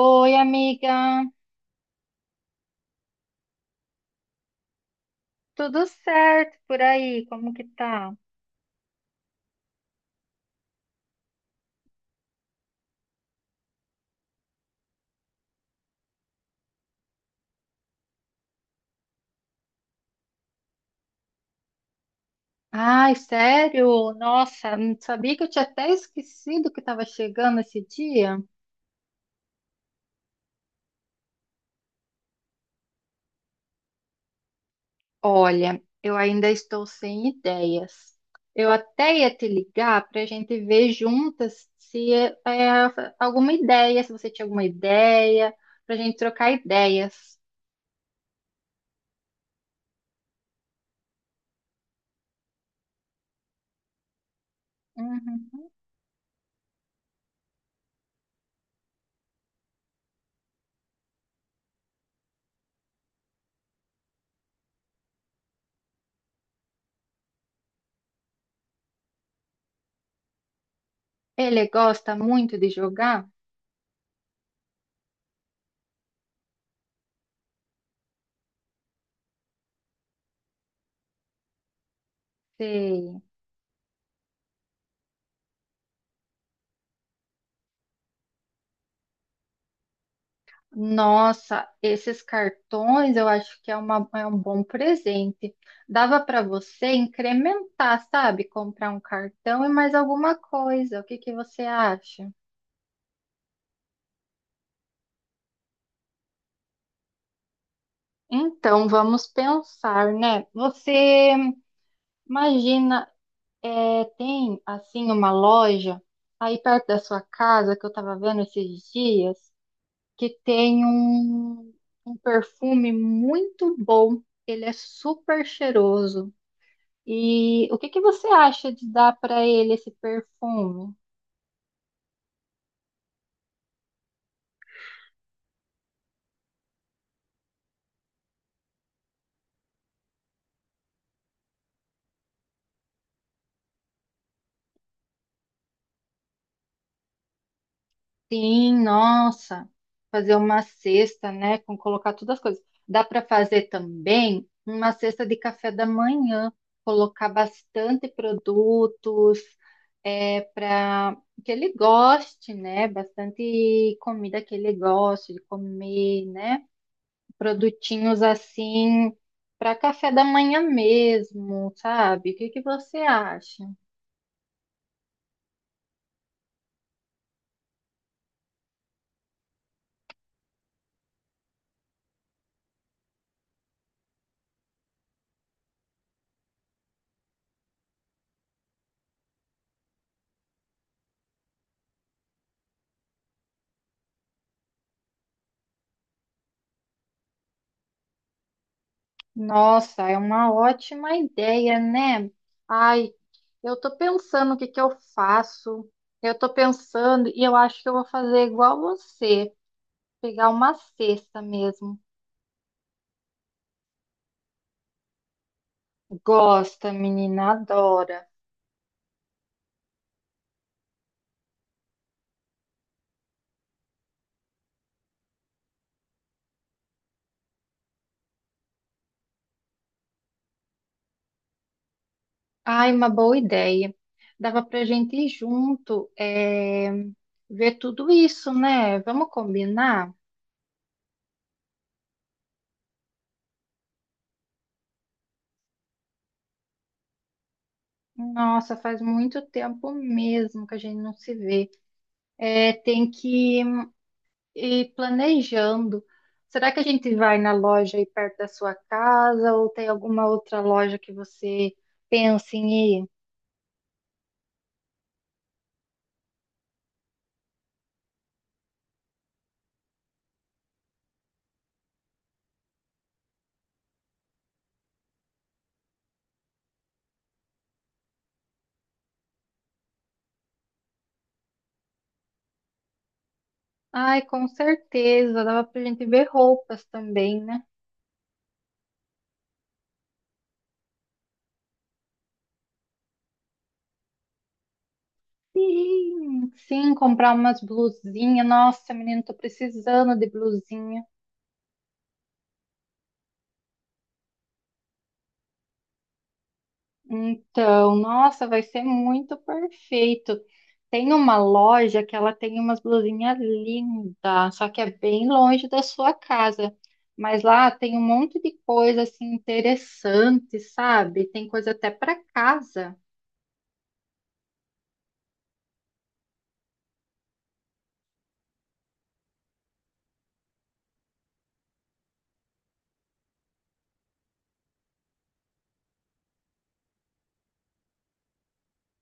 Oi, amiga. Tudo certo por aí? Como que tá? Ai, sério? Nossa, não sabia que eu tinha até esquecido que estava chegando esse dia? Olha, eu ainda estou sem ideias. Eu até ia te ligar para a gente ver juntas se alguma ideia, se você tinha alguma ideia, para a gente trocar ideias. Uhum. Ele gosta muito de jogar? Sei. Nossa, esses cartões eu acho que é um bom presente. Dava para você incrementar, sabe? Comprar um cartão e mais alguma coisa. O que que você acha? Então, vamos pensar, né? Você imagina, é, tem assim uma loja aí perto da sua casa que eu estava vendo esses dias que tem um perfume muito bom. Ele é super cheiroso. E o que que você acha de dar para ele esse perfume? Sim, nossa, fazer uma cesta, né, com colocar todas as coisas. Dá para fazer também uma cesta de café da manhã, colocar bastante produtos para que ele goste, né, bastante comida que ele goste de comer, né, produtinhos assim para café da manhã mesmo, sabe? O que que você acha? Nossa, é uma ótima ideia, né? Ai, eu tô pensando o que que eu faço. Eu tô pensando e eu acho que eu vou fazer igual você, pegar uma cesta mesmo. Gosta, menina, adora. Ai, uma boa ideia. Dava pra gente ir junto, ver tudo isso, né? Vamos combinar? Nossa, faz muito tempo mesmo que a gente não se vê. É, tem que E planejando, será que a gente vai na loja aí perto da sua casa ou tem alguma outra loja que você pensa em ir? Ai, com certeza, dava pra gente ver roupas também, né? Sim, sim, comprar umas blusinhas. Nossa, menino, tô precisando de blusinha. Então, nossa, vai ser muito perfeito. Tem uma loja que ela tem umas blusinhas lindas, só que é bem longe da sua casa. Mas lá tem um monte de coisa assim interessante, sabe? Tem coisa até para casa.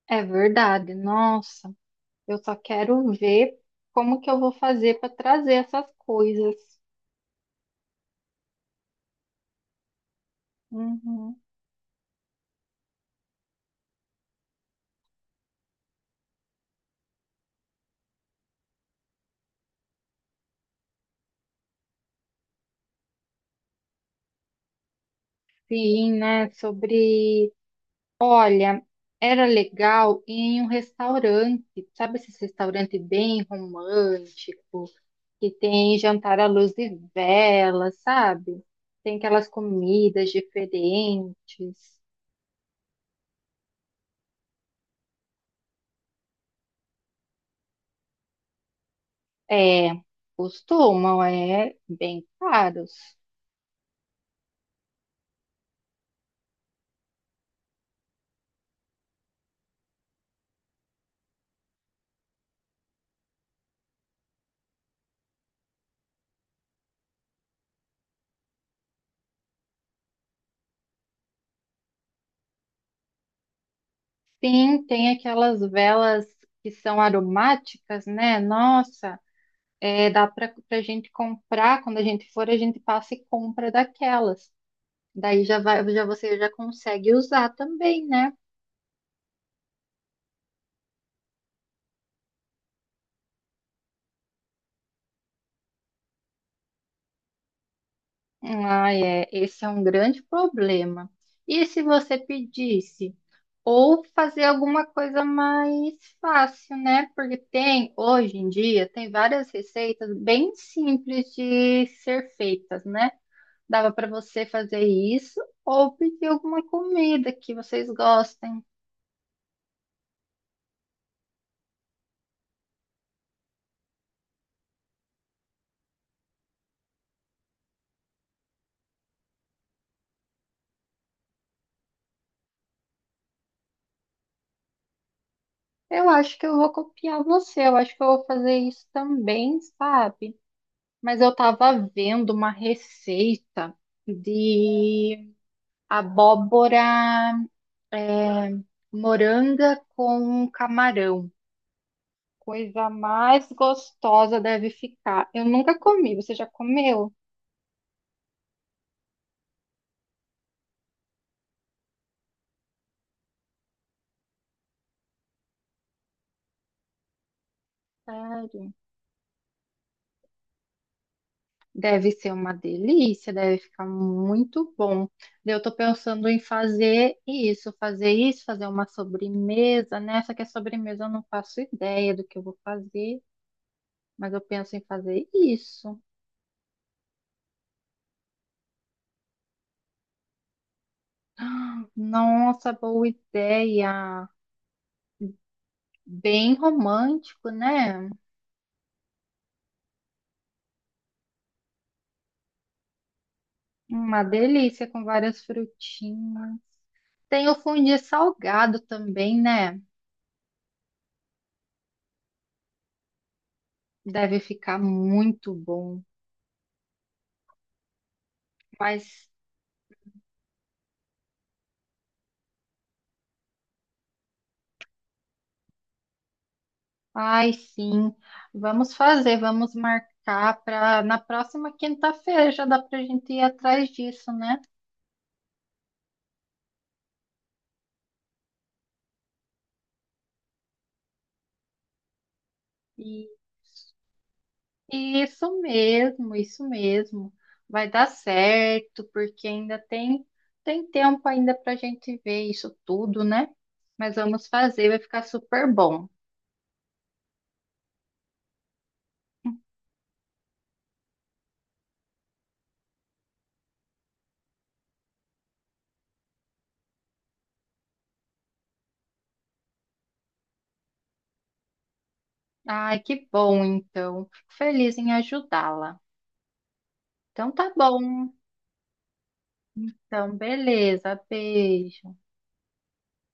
É verdade. Nossa, eu só quero ver como que eu vou fazer para trazer essas coisas. Uhum. Sim, né? Sobre Olha, era legal ir em um restaurante, sabe esse restaurante bem romântico, que tem jantar à luz de vela, sabe? Tem aquelas comidas diferentes. É, costumam, bem caros. Sim, tem aquelas velas que são aromáticas, né? Nossa, dá para a gente comprar, quando a gente for, a gente passa e compra daquelas. Daí já vai, já você já consegue usar também, né? Ah, é, esse é um grande problema. E se você pedisse ou fazer alguma coisa mais fácil, né? Porque tem, hoje em dia, tem várias receitas bem simples de ser feitas, né? Dava para você fazer isso ou pedir alguma comida que vocês gostem. Eu acho que eu vou copiar você, eu acho que eu vou fazer isso também, sabe? Mas eu estava vendo uma receita de abóbora eh, moranga com camarão. Coisa mais gostosa deve ficar. Eu nunca comi, você já comeu? Sério. Deve ser uma delícia, deve ficar muito bom. Eu tô pensando em fazer isso, fazer uma sobremesa, né? Só que a sobremesa eu não faço ideia do que eu vou fazer, mas eu penso em fazer isso. Nossa, boa ideia. Bem romântico, né? Uma delícia com várias frutinhas. Tem o fondue salgado também, né? Deve ficar muito bom. Mas, ai, sim. Vamos fazer, vamos marcar para na próxima quinta-feira. Já dá para a gente ir atrás disso, né? Isso mesmo, isso mesmo. Vai dar certo, porque ainda tem tempo ainda para a gente ver isso tudo, né? Mas vamos fazer, vai ficar super bom. Ai, que bom, então. Fico feliz em ajudá-la. Então tá bom. Então, beleza. Beijo.